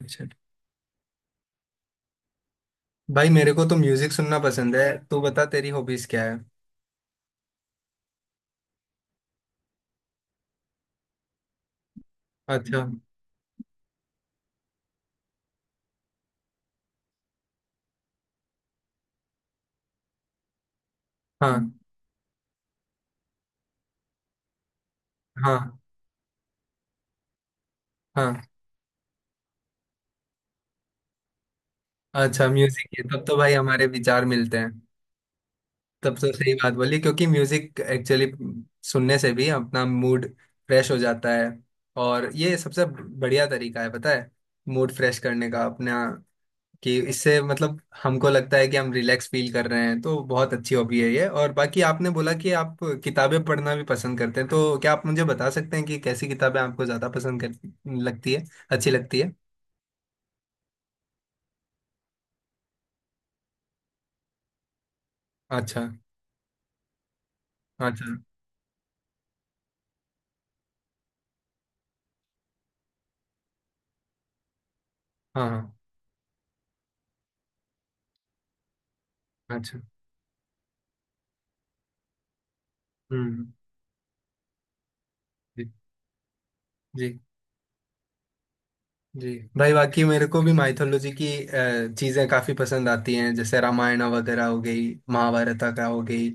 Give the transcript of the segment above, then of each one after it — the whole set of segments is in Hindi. अच्छा। भाई, मेरे को तो म्यूजिक सुनना पसंद है। तू बता, तेरी हॉबीज क्या है? अच्छा। हाँ, हाँ, हाँ। अच्छा, म्यूजिक है, तब तो भाई हमारे विचार मिलते हैं। तब तो सही बात बोली, क्योंकि म्यूजिक एक्चुअली सुनने से भी अपना मूड फ्रेश हो जाता है। और ये सबसे बढ़िया तरीका है पता है, मूड फ्रेश करने का अपना। कि इससे मतलब हमको लगता है कि हम रिलैक्स फील कर रहे हैं, तो बहुत अच्छी हॉबी है ये। और बाकी आपने बोला कि आप किताबें पढ़ना भी पसंद करते हैं, तो क्या आप मुझे बता सकते हैं कि कैसी किताबें आपको ज़्यादा पसंद कर लगती है, अच्छी लगती है? अच्छा। अच्छा। हाँ, हाँ। अच्छा। हम्म। जी, जी, जी। भाई, बाकी मेरे को भी माइथोलॉजी की चीजें काफी पसंद आती हैं, जैसे रामायण वगैरह हो गई, महाभारत का हो गई।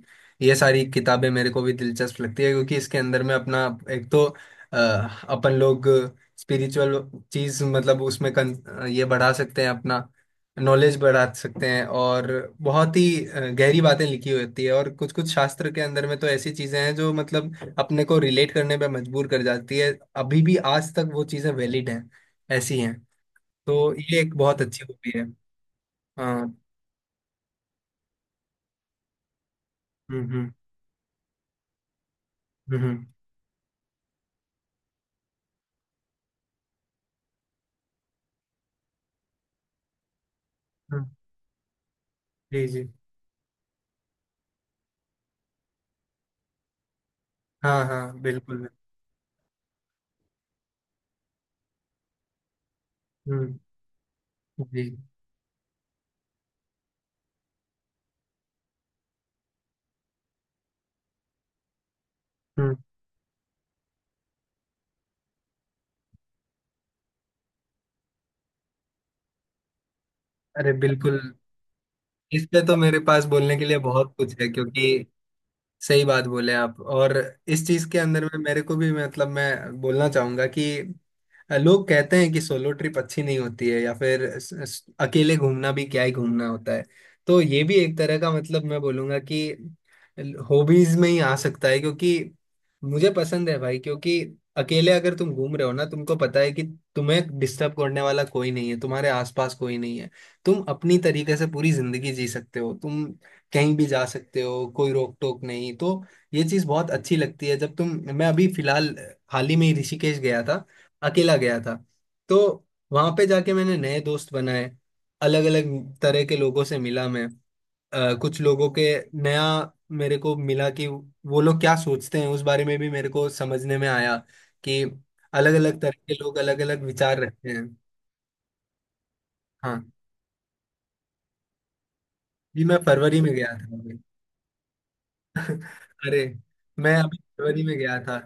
ये सारी किताबें मेरे को भी दिलचस्प लगती है, क्योंकि इसके अंदर में अपना एक तो अ, अपन लोग स्पिरिचुअल चीज, मतलब उसमें ये बढ़ा सकते हैं अपना, नॉलेज बढ़ा सकते हैं। और बहुत ही गहरी बातें लिखी होती है, और कुछ कुछ शास्त्र के अंदर में तो ऐसी चीजें हैं जो मतलब अपने को रिलेट करने पे मजबूर कर जाती है। अभी भी आज तक वो चीजें वैलिड हैं, ऐसी हैं। तो ये एक बहुत अच्छी हॉबी है। हाँ। हम्म, हम्म, हम्म, हम्म। जी, जी। हाँ, हाँ, बिल्कुल। हम्म। जी। हम्म। अरे, बिल्कुल! इस पे तो मेरे पास बोलने के लिए बहुत कुछ है, क्योंकि सही बात बोले आप। और इस चीज के अंदर में मेरे को भी मतलब मैं बोलना चाहूंगा कि लोग कहते हैं कि सोलो ट्रिप अच्छी नहीं होती है, या फिर अकेले घूमना भी क्या ही घूमना होता है। तो ये भी एक तरह का मतलब मैं बोलूंगा कि हॉबीज में ही आ सकता है, क्योंकि मुझे पसंद है भाई। क्योंकि अकेले अगर तुम घूम रहे हो ना, तुमको पता है कि तुम्हें डिस्टर्ब करने वाला कोई नहीं है, तुम्हारे आसपास कोई नहीं है। तुम अपनी तरीके से पूरी जिंदगी जी सकते हो, तुम कहीं भी जा सकते हो, कोई रोक टोक नहीं। तो ये चीज़ बहुत अच्छी लगती है जब तुम। मैं अभी फिलहाल, हाल ही में ही ऋषिकेश गया था, अकेला गया था। तो वहां पे जाके मैंने नए दोस्त बनाए, अलग अलग तरह के लोगों से मिला मैं। कुछ लोगों के नया मेरे को मिला कि वो लोग क्या सोचते हैं, उस बारे में भी मेरे को समझने में आया, कि अलग अलग तरह के लोग अलग अलग विचार रखते हैं। हाँ जी, मैं फरवरी में गया था अभी। अरे, मैं अभी फरवरी में गया था।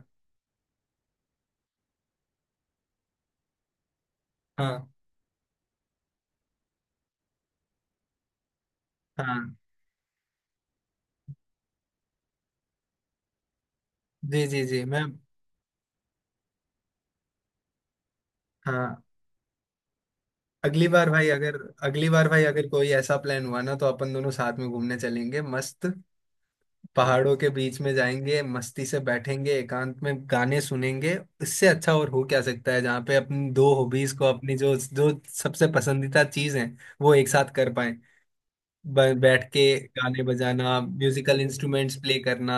हाँ, हाँ। जी, जी, जी। मैं, हाँ। अगली बार भाई अगर अगली बार भाई अगर कोई ऐसा प्लान हुआ ना, तो अपन दोनों साथ में घूमने चलेंगे, मस्त पहाड़ों के बीच में जाएंगे, मस्ती से बैठेंगे, एकांत में गाने सुनेंगे। इससे अच्छा और हो क्या सकता है, जहाँ पे अपनी दो हॉबीज को, अपनी जो जो सबसे पसंदीदा चीज है, वो एक साथ कर पाए बैठ के। गाने बजाना, म्यूजिकल इंस्ट्रूमेंट्स प्ले करना,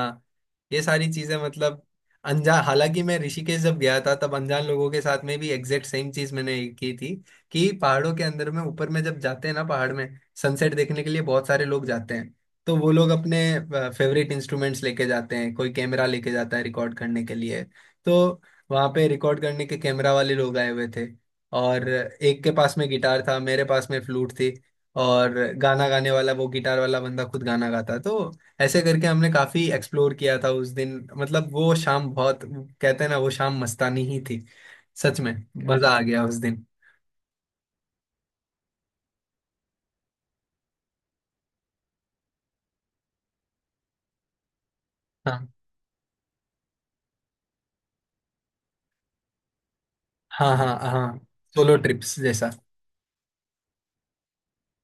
ये सारी चीजें मतलब अनजान। हालांकि मैं ऋषिकेश जब गया था, तब अनजान लोगों के साथ में भी एग्जैक्ट सेम चीज मैंने की थी। कि पहाड़ों के अंदर में ऊपर में जब जाते हैं ना, पहाड़ में सनसेट देखने के लिए बहुत सारे लोग जाते हैं। तो वो लोग अपने फेवरेट इंस्ट्रूमेंट्स लेके जाते हैं, कोई कैमरा लेके जाता है रिकॉर्ड करने के लिए। तो वहाँ पे रिकॉर्ड करने के कैमरा वाले लोग आए हुए थे, और एक के पास में गिटार था, मेरे पास में फ्लूट थी। और गाना गाने वाला वो गिटार वाला बंदा खुद गाना गाता, तो ऐसे करके हमने काफी एक्सप्लोर किया था उस दिन। मतलब वो शाम, बहुत कहते हैं ना, वो शाम मस्तानी ही थी। सच में, मजा आ गया उस दिन। हाँ, हाँ, हाँ, हाँ, सोलो ट्रिप्स जैसा।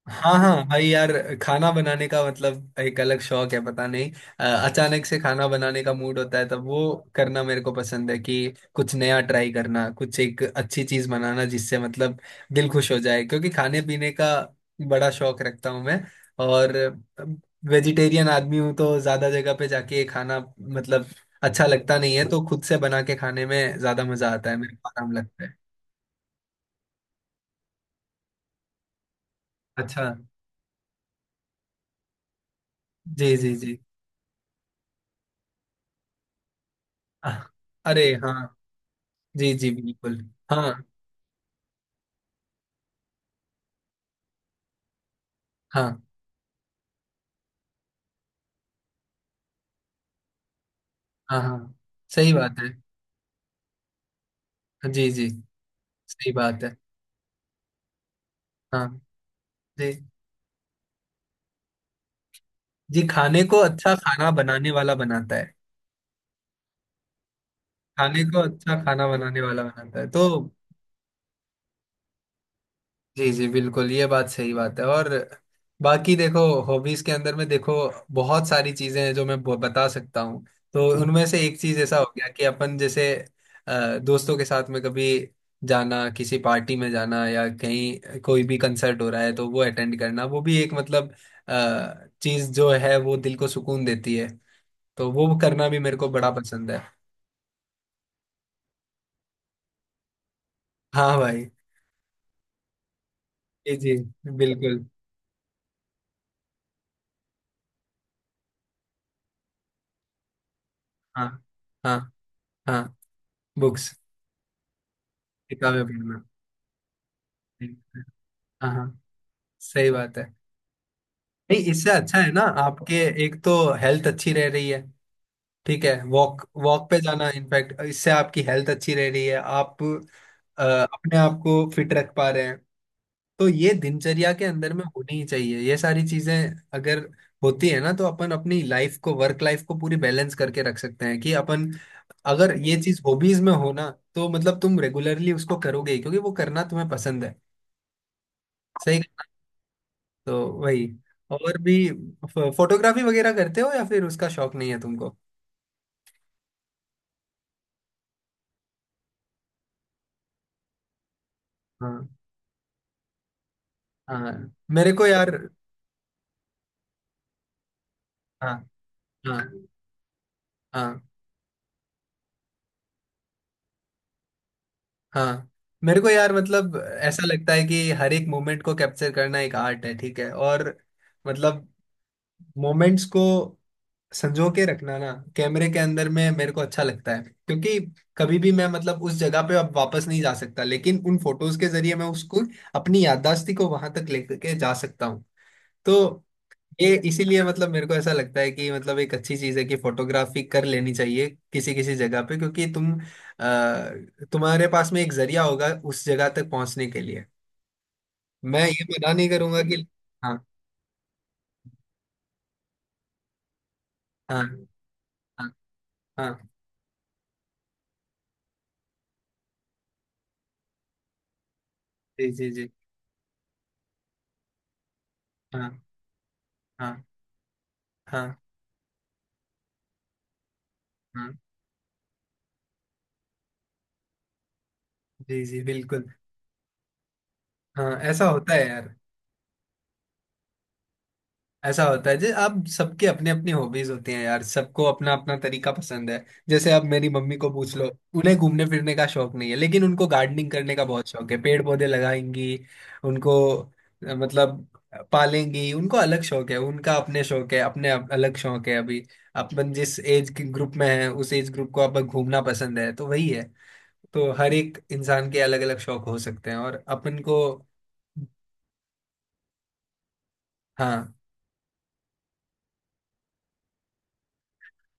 हाँ, हाँ भाई यार, खाना बनाने का मतलब एक अलग शौक है, पता नहीं अचानक से खाना बनाने का मूड होता है, तब वो करना मेरे को पसंद है, कि कुछ नया ट्राई करना, कुछ एक अच्छी चीज बनाना, जिससे मतलब दिल खुश हो जाए, क्योंकि खाने पीने का बड़ा शौक रखता हूँ मैं। और वेजिटेरियन आदमी हूँ, तो ज्यादा जगह पे जाके खाना मतलब अच्छा लगता नहीं है, तो खुद से बना के खाने में ज्यादा मजा आता है, मेरे को आराम लगता है। अच्छा। जी, जी, जी। आह! अरे हाँ! जी, जी, बिल्कुल। हाँ, हाँ, हाँ, हाँ, सही बात है। जी, जी, सही बात है। हाँ, जी, जी। खाने को अच्छा खाना बनाने वाला बनाता है, खाने को अच्छा खाना बनाने वाला बनाता है तो। जी, जी, बिल्कुल, ये बात सही बात है। और बाकी देखो, हॉबीज के अंदर में देखो, बहुत सारी चीजें हैं जो मैं बता सकता हूँ। तो उनमें से एक चीज ऐसा हो गया कि अपन जैसे दोस्तों के साथ में कभी जाना, किसी पार्टी में जाना, या कहीं कोई भी कंसर्ट हो रहा है तो वो अटेंड करना, वो भी एक मतलब चीज जो है, वो दिल को सुकून देती है, तो वो करना भी मेरे को बड़ा पसंद है। हाँ भाई। जी, जी, बिल्कुल। हाँ, हाँ, हाँ। बुक्स, किताबें पढ़ना। हाँ, हाँ, सही बात है। नहीं, इससे अच्छा है ना आपके, एक तो हेल्थ अच्छी रह रही है, ठीक है, वॉक वॉक पे जाना इनफैक्ट इससे आपकी हेल्थ अच्छी रह रही है, आप अपने आप को फिट रख पा रहे हैं। तो ये दिनचर्या के अंदर में होनी ही चाहिए, ये सारी चीजें। अगर होती है ना, तो अपन अपनी लाइफ को, वर्क लाइफ को पूरी बैलेंस करके रख सकते हैं, कि अपन, अगर ये चीज हॉबीज में हो ना, तो मतलब तुम रेगुलरली उसको करोगे ही, क्योंकि वो करना तुम्हें पसंद है। सही। तो वही। और भी फोटोग्राफी वगैरह करते हो, या फिर उसका शौक नहीं है तुमको? हाँ, हाँ, मेरे को यार, हाँ, हाँ, हाँ, हाँ, मेरे को यार मतलब ऐसा लगता है कि हर एक मोमेंट को कैप्चर करना एक आर्ट है, ठीक है। और मतलब मोमेंट्स को संजो के रखना ना कैमरे के अंदर में, मेरे को अच्छा लगता है। क्योंकि कभी भी मैं, मतलब उस जगह पे अब वापस नहीं जा सकता, लेकिन उन फोटोज के जरिए मैं उसको, अपनी याददाश्ती को वहां तक लेकर के जा सकता हूँ। तो ये इसीलिए मतलब मेरे को ऐसा लगता है कि, मतलब एक अच्छी चीज है कि फोटोग्राफी कर लेनी चाहिए किसी किसी जगह पे, क्योंकि तुम तुम्हारे पास में एक जरिया होगा उस जगह तक पहुंचने के लिए। मैं ये मना नहीं करूंगा कि। हाँ, हाँ, हाँ, हाँ। जी, जी, जी। हाँ, हाँ, हाँ, हाँ। जी, जी, बिल्कुल। हाँ, ऐसा होता है यार। ऐसा होता है, जैसे आप सबके अपने अपने हॉबीज होते हैं यार, सबको अपना अपना तरीका पसंद है। जैसे आप मेरी मम्मी को पूछ लो, उन्हें घूमने फिरने का शौक नहीं है, लेकिन उनको गार्डनिंग करने का बहुत शौक है, पेड़ पौधे लगाएंगी उनको, मतलब पालेंगी उनको, अलग शौक है उनका, अपने शौक है, अपने अलग शौक है अभी। अपन जिस एज के ग्रुप में है, उस एज ग्रुप को अपन घूमना पसंद है, तो वही है। तो हर एक इंसान के अलग अलग शौक हो सकते हैं, और अपन को। हाँ।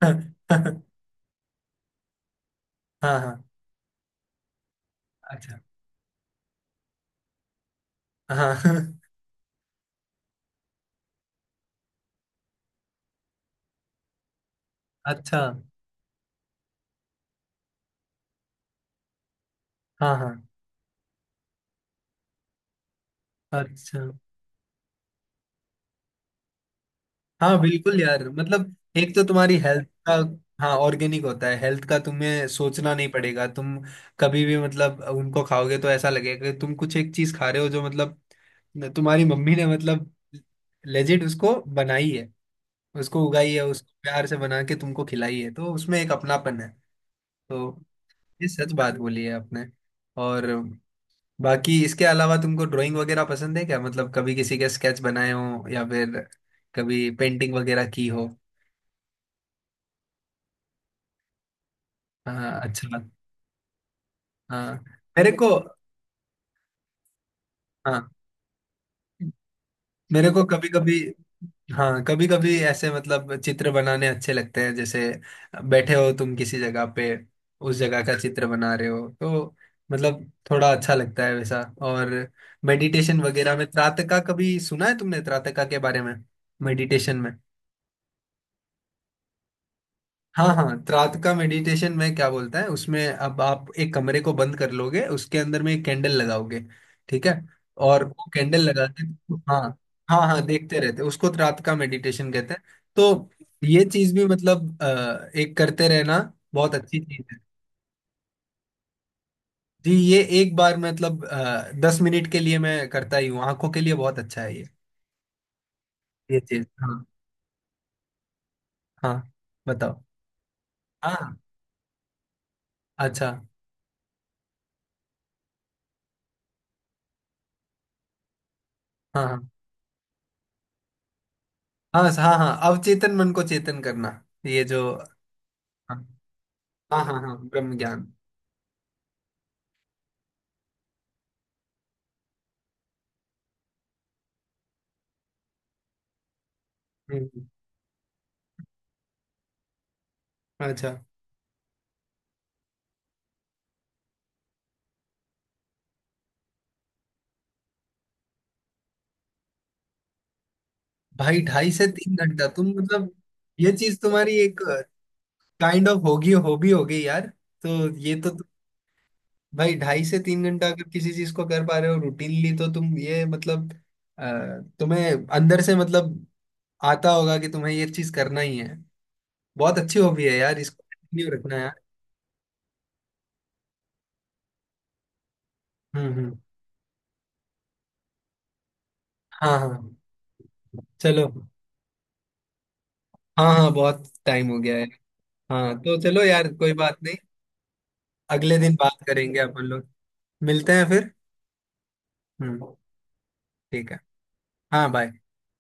हाँ, हाँ। अच्छा। हाँ। अच्छा। हाँ, हाँ। अच्छा। हाँ, बिल्कुल यार, मतलब एक तो तुम्हारी हेल्थ का। हाँ, ऑर्गेनिक होता है, हेल्थ का तुम्हें सोचना नहीं पड़ेगा, तुम कभी भी मतलब उनको खाओगे तो ऐसा लगेगा कि तुम कुछ एक चीज खा रहे हो, जो मतलब तुम्हारी मम्मी ने, मतलब लेजिट उसको बनाई है, उसको उगाई है, उसको प्यार से बना के तुमको खिलाई है, तो उसमें एक अपनापन है। तो ये सच बात बोली है आपने। और बाकी इसके अलावा, तुमको ड्राइंग वगैरह पसंद है क्या? मतलब कभी किसी के स्केच बनाए हो, या फिर कभी पेंटिंग वगैरह की हो? हाँ, अच्छा हाँ, मेरे को, हाँ, मेरे को कभी कभी, हाँ, कभी कभी ऐसे मतलब चित्र बनाने अच्छे लगते हैं, जैसे बैठे हो तुम किसी जगह पे, उस जगह का चित्र बना रहे हो, तो मतलब थोड़ा अच्छा लगता है वैसा। और मेडिटेशन वगैरह में, त्राटका कभी सुना है तुमने, त्राटका के बारे में, मेडिटेशन में? हाँ, हाँ। रात का मेडिटेशन में क्या बोलता है, उसमें अब आप एक कमरे को बंद कर लोगे, उसके अंदर में एक कैंडल लगाओगे, ठीक है। और वो कैंडल लगाते, हाँ, हाँ, हाँ, देखते रहते उसको तो रात का मेडिटेशन कहते हैं। तो ये चीज भी मतलब एक करते रहना, बहुत अच्छी चीज है। जी, ये एक बार मतलब 10 मिनट के लिए मैं करता ही हूँ, आंखों के लिए बहुत अच्छा है ये। ये चीज, हाँ, हाँ, बताओ। हाँ। अच्छा। हाँ, हाँ, हाँ, हाँ, हाँ, अवचेतन मन को चेतन करना ये जो। हाँ, हाँ, हाँ, हाँ, ब्रह्म ज्ञान। हम्म, अच्छा भाई। हम्म। 2.5 से 3 घंटा तुम मतलब, ये चीज तुम्हारी एक काइंड ऑफ होगी, हॉबी हो गई यार। तो ये तो भाई, 2.5 से 3 घंटा अगर किसी चीज को कर पा रहे हो रूटीनली, तो तुम ये मतलब अ, तुम्हें अंदर से मतलब आता होगा कि तुम्हें ये चीज करना ही है। बहुत अच्छी हॉबी है यार, इसको कंटिन्यू रखना यार। हम्म, हम्म। हाँ, हाँ, चलो। हाँ, हाँ, बहुत टाइम हो गया है। हाँ, तो चलो यार, कोई बात नहीं, अगले दिन बात करेंगे अपन लोग। मिलते हैं फिर। हम्म। ठीक है। हाँ, बाय।